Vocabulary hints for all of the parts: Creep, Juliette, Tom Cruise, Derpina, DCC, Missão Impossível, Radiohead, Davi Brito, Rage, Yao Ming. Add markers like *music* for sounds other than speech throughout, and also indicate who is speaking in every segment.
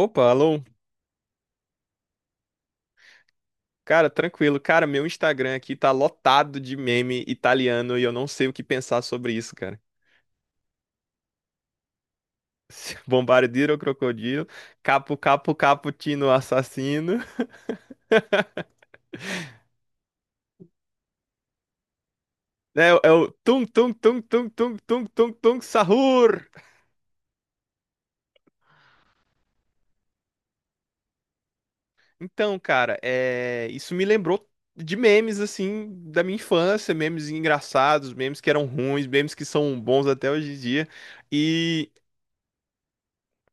Speaker 1: Opa, alô. Cara, tranquilo. Cara, meu Instagram aqui tá lotado de meme italiano e eu não sei o que pensar sobre isso, cara. *laughs* Bombardiro crocodilo, capo, capo, cappuccino assassino. É, é o tum, tum, tum, tum, tum, tum, tum, tum, sahur. Então, cara, isso me lembrou de memes, assim, da minha infância, memes engraçados, memes que eram ruins, memes que são bons até hoje em dia.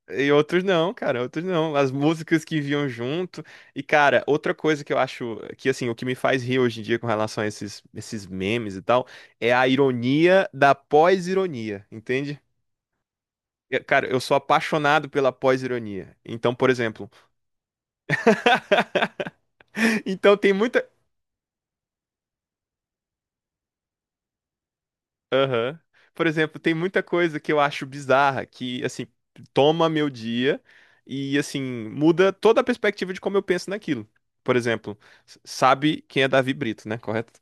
Speaker 1: E outros não, cara, outros não. As músicas que vinham junto. E, cara, outra coisa que eu acho que, assim, o que me faz rir hoje em dia com relação a esses memes e tal, é a ironia da pós-ironia, entende? E, cara, eu sou apaixonado pela pós-ironia. Então, por exemplo. *laughs* Então, tem muita. Aham. Por exemplo, tem muita coisa que eu acho bizarra, que, assim, toma meu dia e, assim, muda toda a perspectiva de como eu penso naquilo. Por exemplo, sabe quem é Davi Brito, né? Correto?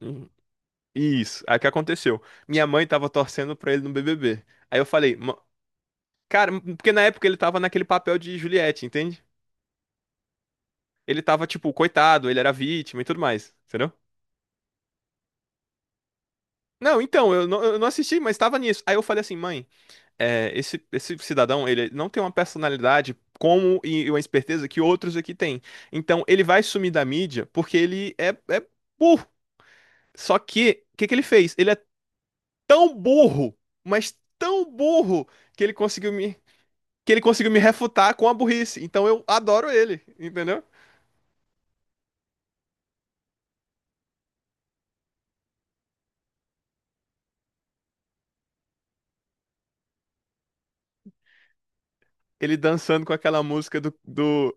Speaker 1: Uhum. Isso. Aí o que aconteceu? Minha mãe tava torcendo pra ele no BBB. Aí eu falei, cara, porque na época ele tava naquele papel de Juliette, entende? Ele tava, tipo, coitado, ele era vítima e tudo mais, entendeu? Não, então, eu não assisti, mas tava nisso. Aí eu falei assim, mãe. É, esse cidadão, ele não tem uma personalidade como e uma esperteza que outros aqui têm. Então, ele vai sumir da mídia porque ele é burro. Só que, o que que ele fez? Ele é tão burro, mas tão burro, que que ele conseguiu me refutar com a burrice. Então, eu adoro ele, entendeu? Ele dançando com aquela música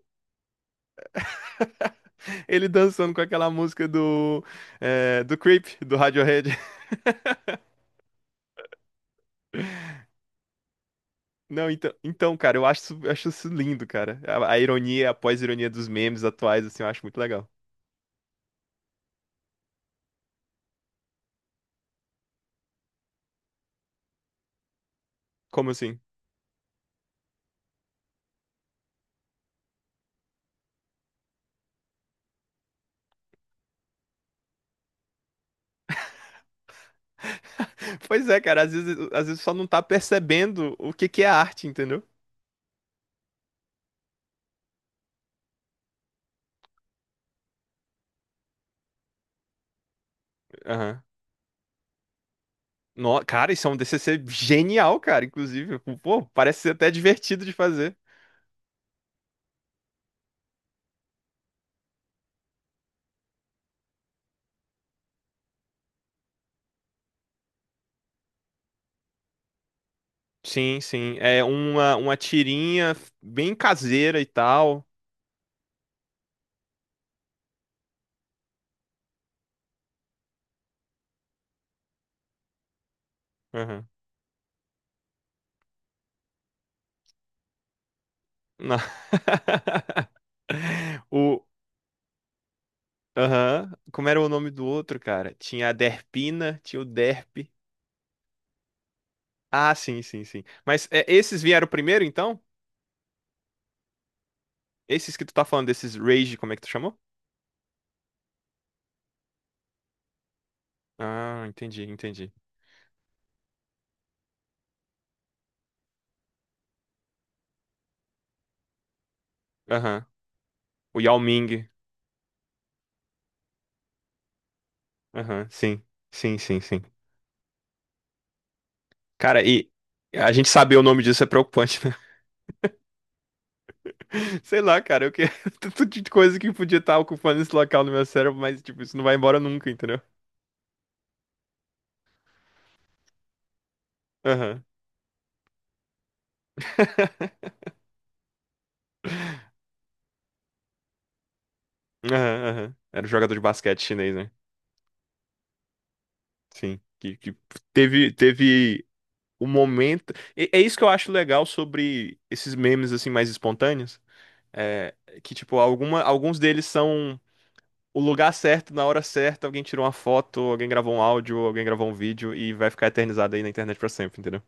Speaker 1: *laughs* ele dançando com aquela música do, é, do Creep, do Radiohead. Não, então, então, cara, eu acho isso lindo, cara. A ironia, a pós-ironia dos memes atuais, assim, eu acho muito legal. Como assim? *laughs* Pois é, cara, às vezes só não tá percebendo o que que é arte, entendeu? Aham. Cara, isso é um DCC genial, cara, inclusive. Pô, parece ser até divertido de fazer. Sim, sim. É uma tirinha bem caseira e tal. Aham. Não. *laughs* O, aham. Como era o nome do outro, cara? Tinha a Derpina, tinha o Derp. Ah, sim, sim, sim. Mas é, esses vieram primeiro, então? Esses que tu tá falando, desses Rage, como é que tu chamou? Ah, entendi, entendi. Aham. O Yao Ming. Aham, sim. Sim, sim, sim. Cara, e a gente saber o nome disso é preocupante, né? *laughs* Sei lá, cara, *laughs* Tanto de coisa que podia estar ocupando esse local no meu cérebro, mas, tipo, isso não vai embora nunca, entendeu? Aham. *laughs* Aham, aham. Era o jogador de basquete chinês, né? Sim, que teve É isso que eu acho legal sobre esses memes assim mais espontâneos, é que tipo alguma alguns deles são o lugar certo na hora certa, alguém tirou uma foto, alguém gravou um áudio, alguém gravou um vídeo e vai ficar eternizado aí na internet pra sempre, entendeu?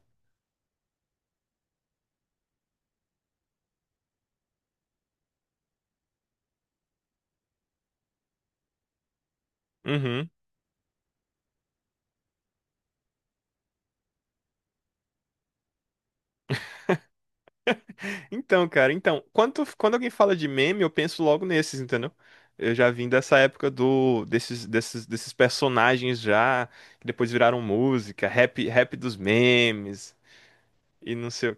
Speaker 1: Uhum. Então, cara, então, quando alguém fala de meme, eu penso logo nesses, entendeu? Eu já vim dessa época do desses desses desses personagens já que depois viraram música, rap, rap dos memes. E não sei. O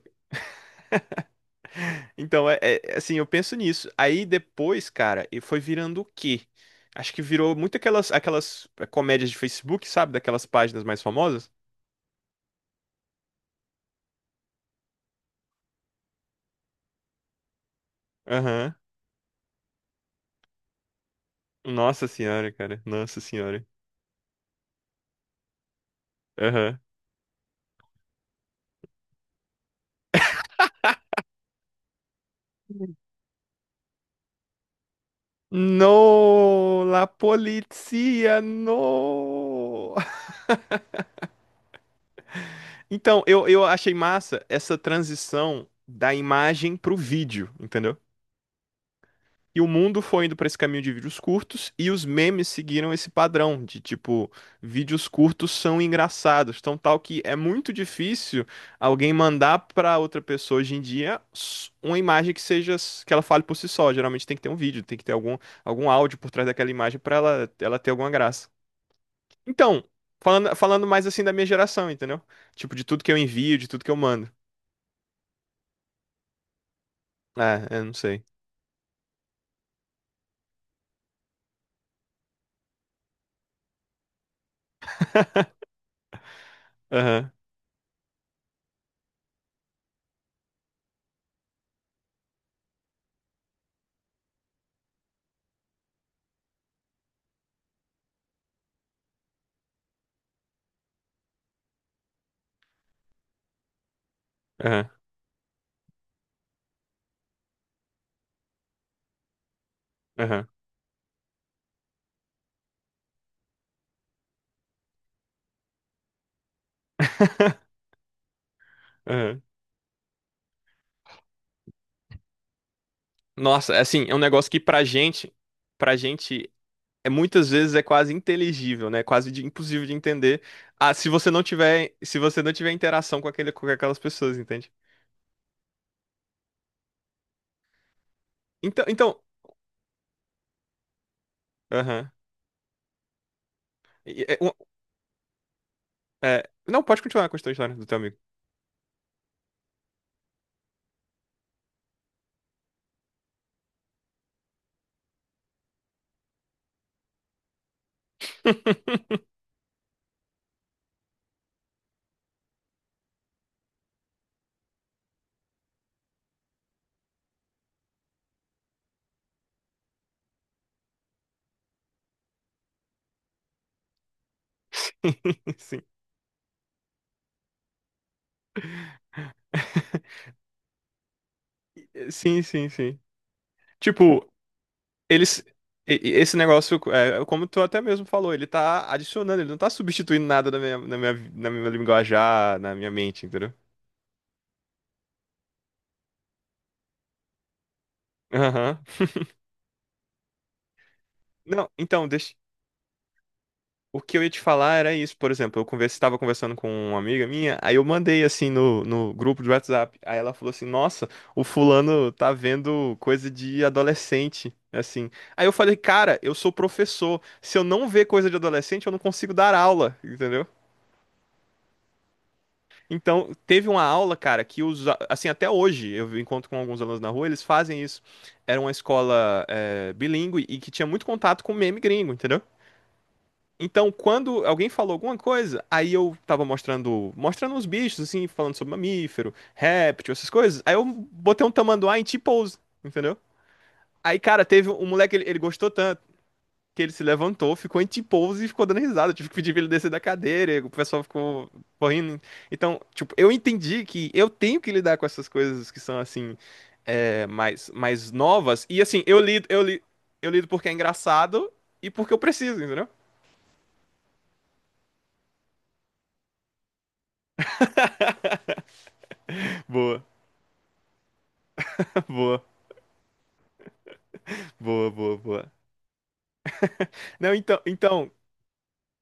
Speaker 1: Então, é assim, eu penso nisso. Aí depois, cara, e foi virando o quê? Acho que virou muito aquelas comédias de Facebook, sabe? Daquelas páginas mais famosas. Aham. Nossa senhora, cara. Nossa senhora. Aham. No, la polizia, no. *laughs* Então, eu achei massa essa transição da imagem pro vídeo, entendeu? E o mundo foi indo para esse caminho de vídeos curtos e os memes seguiram esse padrão de tipo, vídeos curtos são engraçados, tão tal que é muito difícil alguém mandar para outra pessoa hoje em dia uma imagem que seja que ela fale por si só. Geralmente tem que ter um vídeo, tem que ter algum áudio por trás daquela imagem para ela ter alguma graça. Então, falando mais assim da minha geração, entendeu? Tipo, de tudo que eu envio, de tudo que eu mando. Ah, eu não sei. Aham, aham, aham, aham. Nossa, é assim, é um negócio que pra gente é muitas vezes é quase inteligível, né? Quase impossível de entender. Ah, se você não tiver interação com com aquelas pessoas, entende? Então, então, aham. E- é, um- não, pode continuar com a tua história do teu amigo. *laughs* Sim, sim, sim, sim. Tipo, eles e esse negócio, é, como tu até mesmo falou, ele tá adicionando, ele não tá substituindo nada na na minha linguajar, na minha mente, entendeu? Aham. Não, então, deixa, o que eu ia te falar era isso, por exemplo, estava conversando com uma amiga minha, aí eu mandei assim no grupo de WhatsApp, aí ela falou assim, nossa, o fulano tá vendo coisa de adolescente, assim. Aí eu falei, cara, eu sou professor, se eu não ver coisa de adolescente, eu não consigo dar aula, entendeu? Então, teve uma aula, cara, assim, até hoje, eu encontro com alguns alunos na rua, eles fazem isso. Era uma escola bilíngue e que tinha muito contato com meme gringo, entendeu? Então, quando alguém falou alguma coisa, aí eu tava mostrando uns bichos, assim, falando sobre mamífero, réptil, essas coisas. Aí eu botei um tamanduá em T-pose, entendeu? Aí, cara, teve um moleque, ele gostou tanto que ele se levantou, ficou em T-pose e ficou dando risada. Eu tive que pedir pra ele descer da cadeira, e o pessoal ficou correndo. Então, tipo, eu entendi que eu tenho que lidar com essas coisas que são, assim, é, mais, mais novas. E, assim, eu lido porque é engraçado e porque eu preciso, entendeu? *laughs* Boa, *laughs* boa. Boa, boa, boa. Não, então, então,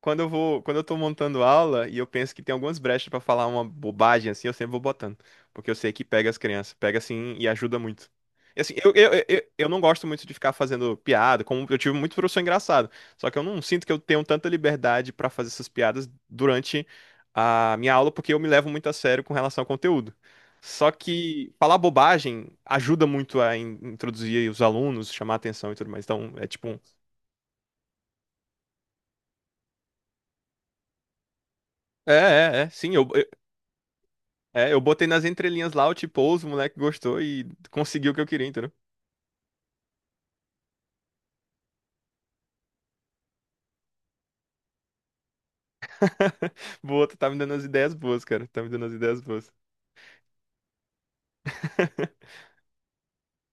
Speaker 1: quando eu tô montando aula e eu penso que tem algumas brechas pra falar uma bobagem assim, eu sempre vou botando, porque eu sei que pega as crianças, pega assim e ajuda muito. E, assim, eu não gosto muito de ficar fazendo piada, como eu tive muito professor engraçado, só que eu não sinto que eu tenho tanta liberdade pra fazer essas piadas durante a minha aula, porque eu me levo muito a sério com relação ao conteúdo. Só que falar bobagem ajuda muito a introduzir os alunos, chamar atenção e tudo mais. Então, é tipo um é, é, é. Sim, eu botei nas entrelinhas lá, o tipou, os moleque gostou e conseguiu o que eu queria, entendeu? *laughs* Boa, tu tá me dando as ideias boas, cara. Tá me dando as ideias boas. *laughs*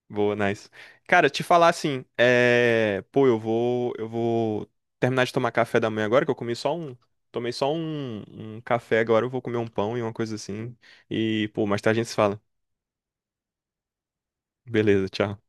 Speaker 1: Boa, nice. Cara, te falar assim, pô, eu vou terminar de tomar café da manhã agora, que eu comi só um, tomei só um, um café agora, eu vou comer um pão e uma coisa assim. E, pô, mais tarde a gente se fala. Beleza, tchau.